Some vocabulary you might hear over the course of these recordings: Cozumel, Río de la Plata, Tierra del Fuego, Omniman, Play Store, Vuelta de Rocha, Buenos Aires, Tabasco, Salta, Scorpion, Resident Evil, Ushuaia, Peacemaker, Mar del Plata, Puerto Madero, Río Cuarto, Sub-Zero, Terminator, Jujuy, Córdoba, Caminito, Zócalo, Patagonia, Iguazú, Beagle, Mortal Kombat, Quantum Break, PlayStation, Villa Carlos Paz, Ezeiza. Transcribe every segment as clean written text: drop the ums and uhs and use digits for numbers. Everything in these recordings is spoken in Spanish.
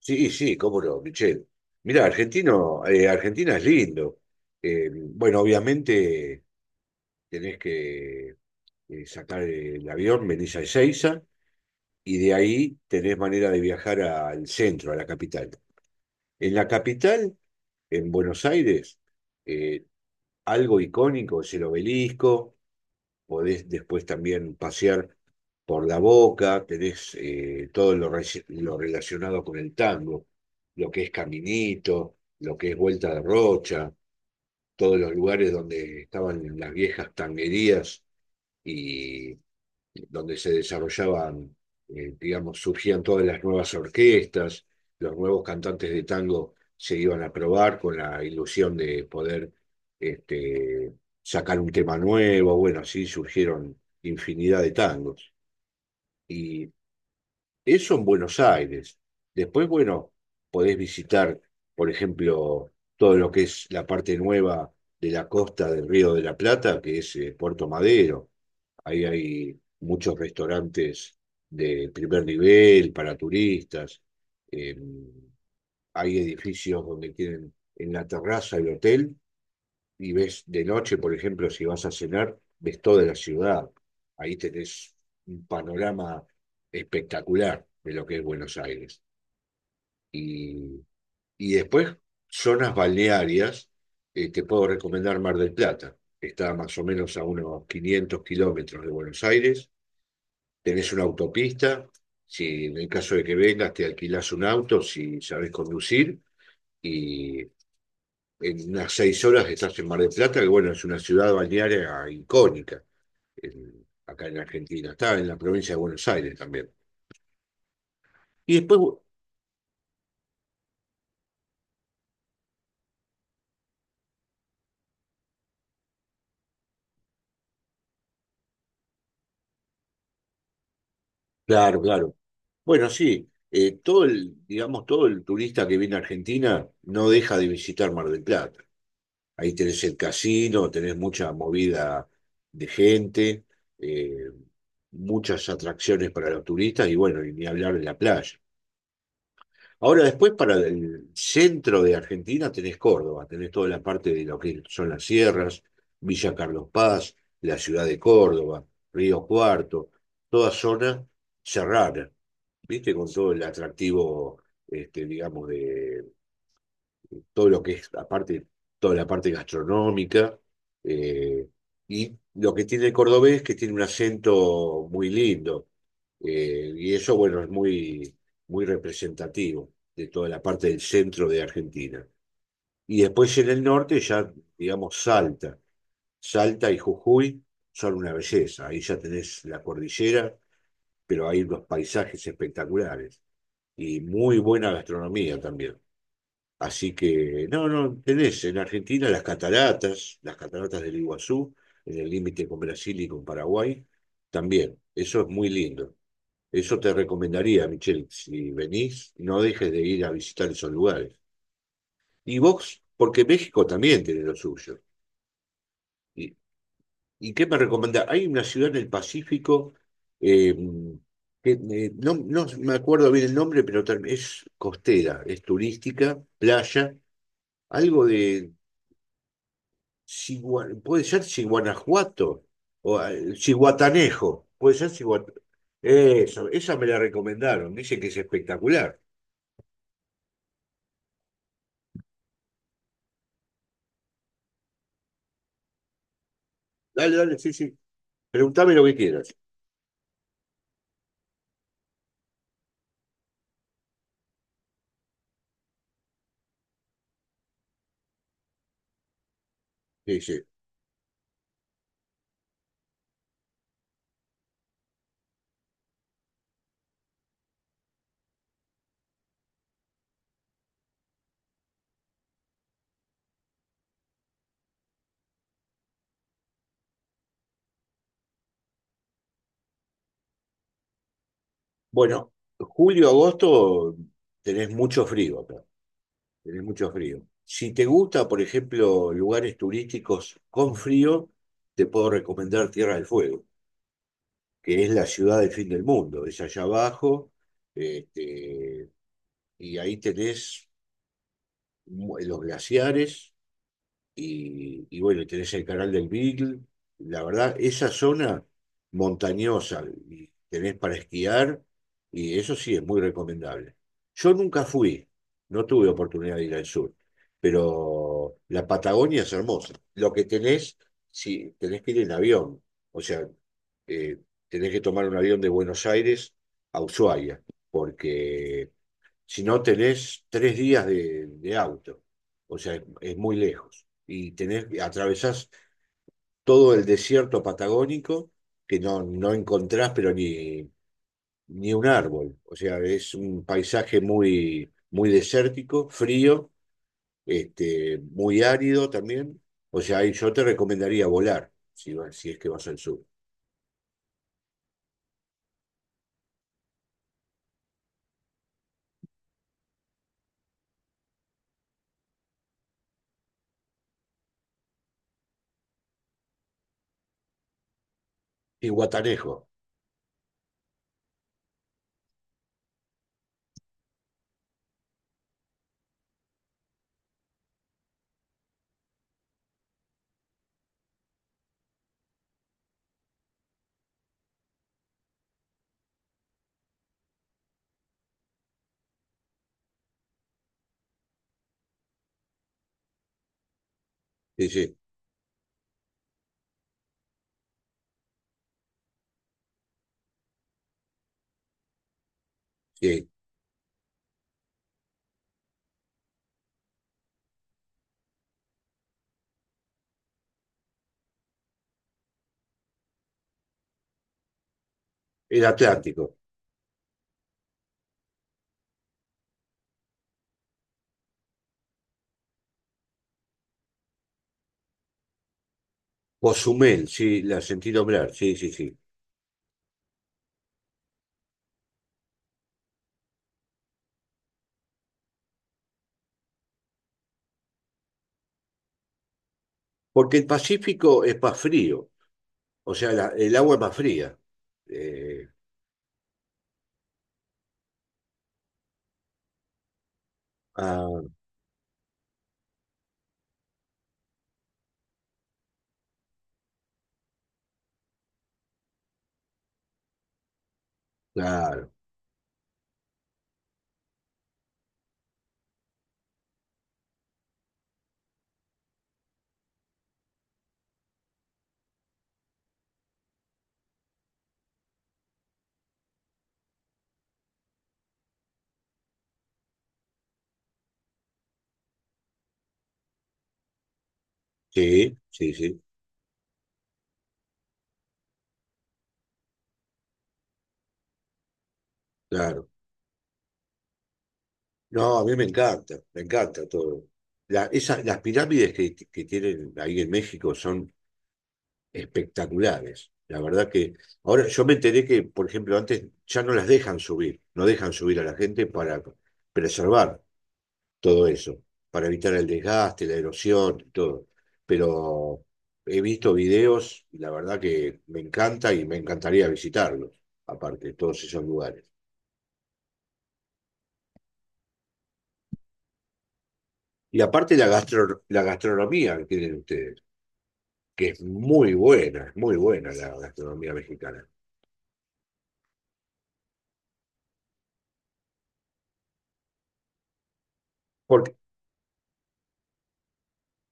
Sí, sí, cómo no, Michelle. Mirá, argentino, Argentina es lindo. Bueno, obviamente tenés que sacar el avión, venís a Ezeiza y de ahí tenés manera de viajar al centro, a la capital. En la capital, en Buenos Aires, eh, algo icónico es el obelisco, podés después también pasear por la Boca, tenés todo lo, lo relacionado con el tango, lo que es Caminito, lo que es Vuelta de Rocha, todos los lugares donde estaban las viejas tanguerías y donde se desarrollaban, digamos, surgían todas las nuevas orquestas, los nuevos cantantes de tango se iban a probar con la ilusión de poder este, sacar un tema nuevo, bueno, así surgieron infinidad de tangos. Y eso en Buenos Aires. Después, bueno, podés visitar, por ejemplo, todo lo que es la parte nueva de la costa del Río de la Plata, que es Puerto Madero. Ahí hay muchos restaurantes de primer nivel para turistas. eh, Hay edificios donde tienen en la terraza el hotel y ves de noche, por ejemplo, si vas a cenar, ves toda la ciudad. Ahí tenés un panorama espectacular de lo que es Buenos Aires. Y, y después, zonas balnearias, te puedo recomendar Mar del Plata. Está más o menos a unos 500 kilómetros de Buenos Aires. Tenés una autopista, si en el caso de que vengas te alquilás un auto, si sabés conducir, y en unas 6 horas estás en Mar del Plata, que bueno, es una ciudad balnearia icónica acá en Argentina, está en la provincia de Buenos Aires también. Y después, claro, claro. Bueno, sí, todo el, digamos, todo el turista que viene a Argentina no deja de visitar Mar del Plata. Ahí tenés el casino, tenés mucha movida de gente, eh, muchas atracciones para los turistas y bueno, y ni hablar de la playa. Ahora después, para el centro de Argentina tenés Córdoba, tenés toda la parte de lo que son las sierras, Villa Carlos Paz, la ciudad de Córdoba, Río Cuarto, toda zona serrana, ¿viste? Con todo el atractivo, digamos, de, todo lo que es, aparte, toda la parte gastronómica. eh, y lo que tiene el cordobés es que tiene un acento muy lindo. Y eso, bueno, es muy, muy representativo de toda la parte del centro de Argentina. Y después en el norte ya, digamos, Salta. Salta y Jujuy son una belleza. Ahí ya tenés la cordillera, pero hay unos paisajes espectaculares y muy buena gastronomía también. Así que, no, no, tenés en Argentina las cataratas del Iguazú, en el límite con Brasil y con Paraguay, también. Eso es muy lindo. Eso te recomendaría, Michelle, si venís, no dejes de ir a visitar esos lugares. Y vos, porque México también tiene lo suyo. ¿Y, y qué me recomendás? Hay una ciudad en el Pacífico, eh, que, no, no me acuerdo bien el nombre, pero es costera, es turística, playa, algo de puede ser Chiguanajuato o ah, Chiguatanejo, puede ser Chiguat- Eso, esa me la recomendaron, dicen que es espectacular. Dale, dale, sí, sí. Preguntame lo que quieras. Sí, sí. Bueno, julio, agosto tenés mucho frío acá, tenés mucho frío. Si te gusta, por ejemplo, lugares turísticos con frío, te puedo recomendar Tierra del Fuego, que es la ciudad del fin del mundo, es allá abajo, este, y ahí tenés los glaciares y bueno, tenés el canal del Beagle. La verdad, esa zona montañosa y tenés para esquiar y eso sí es muy recomendable. Yo nunca fui, no tuve oportunidad de ir al sur, pero la Patagonia es hermosa. Lo que tenés, sí, tenés que ir en avión, o sea, eh, tenés que tomar un avión de Buenos Aires a Ushuaia, porque si no tenés 3 días de auto, o sea, es muy lejos. Y tenés, atravesás todo el desierto patagónico que no, no encontrás, pero ni, ni un árbol. O sea, es un paisaje muy, muy desértico, frío, muy árido también. O sea, ahí yo te recomendaría volar, si, si es que vas al sur. Y Guatanejo, sí, sí, sí, el Atlántico. Cozumel, sí, la sentí nombrar, sí, sí, sí. Porque el Pacífico es más frío, o sea, el agua es más fría. Eh, ah, claro, sí, sí, sí, claro. No, a mí me encanta todo. Las pirámides que tienen ahí en México son espectaculares. La verdad que ahora yo me enteré que, por ejemplo, antes ya no las dejan subir, no dejan subir a la gente para preservar. Todo eso, para evitar el desgaste, la erosión, todo. Pero he visto videos y la verdad que me encanta y me encantaría visitarlos, aparte de todos esos lugares. Y aparte la gastronomía que tienen ustedes, que es muy buena la gastronomía mexicana. Porque,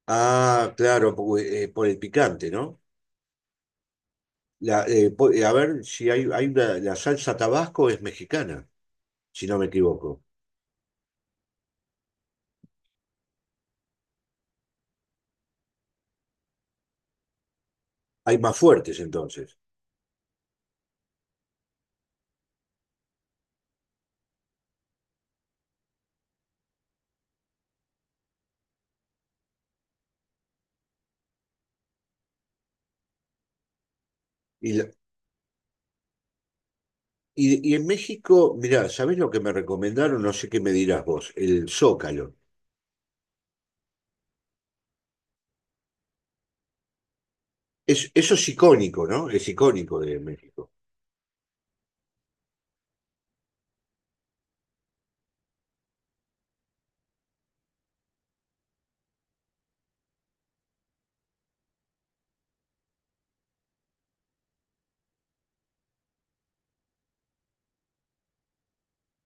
ah, claro, porque, por el picante, ¿no? A ver si hay, hay una- la salsa Tabasco es mexicana, si no me equivoco. Hay más fuertes entonces. Y la, y en México, mirá, ¿sabés lo que me recomendaron? No sé qué me dirás vos, el Zócalo. Es, eso es icónico, ¿no? Es icónico de México.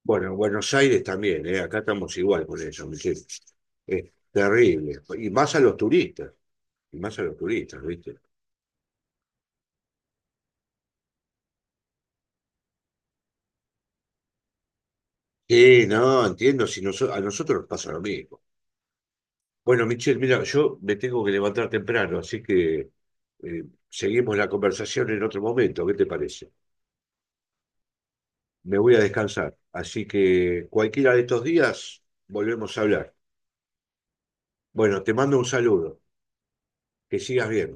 Bueno, en Buenos Aires también, ¿eh? Acá estamos igual con eso, Michelle. Es terrible. Y más a los turistas, y más a los turistas, ¿viste? Sí, no, entiendo, si a nosotros nos pasa lo mismo. Bueno, Michelle, mira, yo me tengo que levantar temprano, así que eh, seguimos la conversación en otro momento, ¿qué te parece? Me voy a descansar. Así que cualquiera de estos días volvemos a hablar. Bueno, te mando un saludo. Que sigas bien.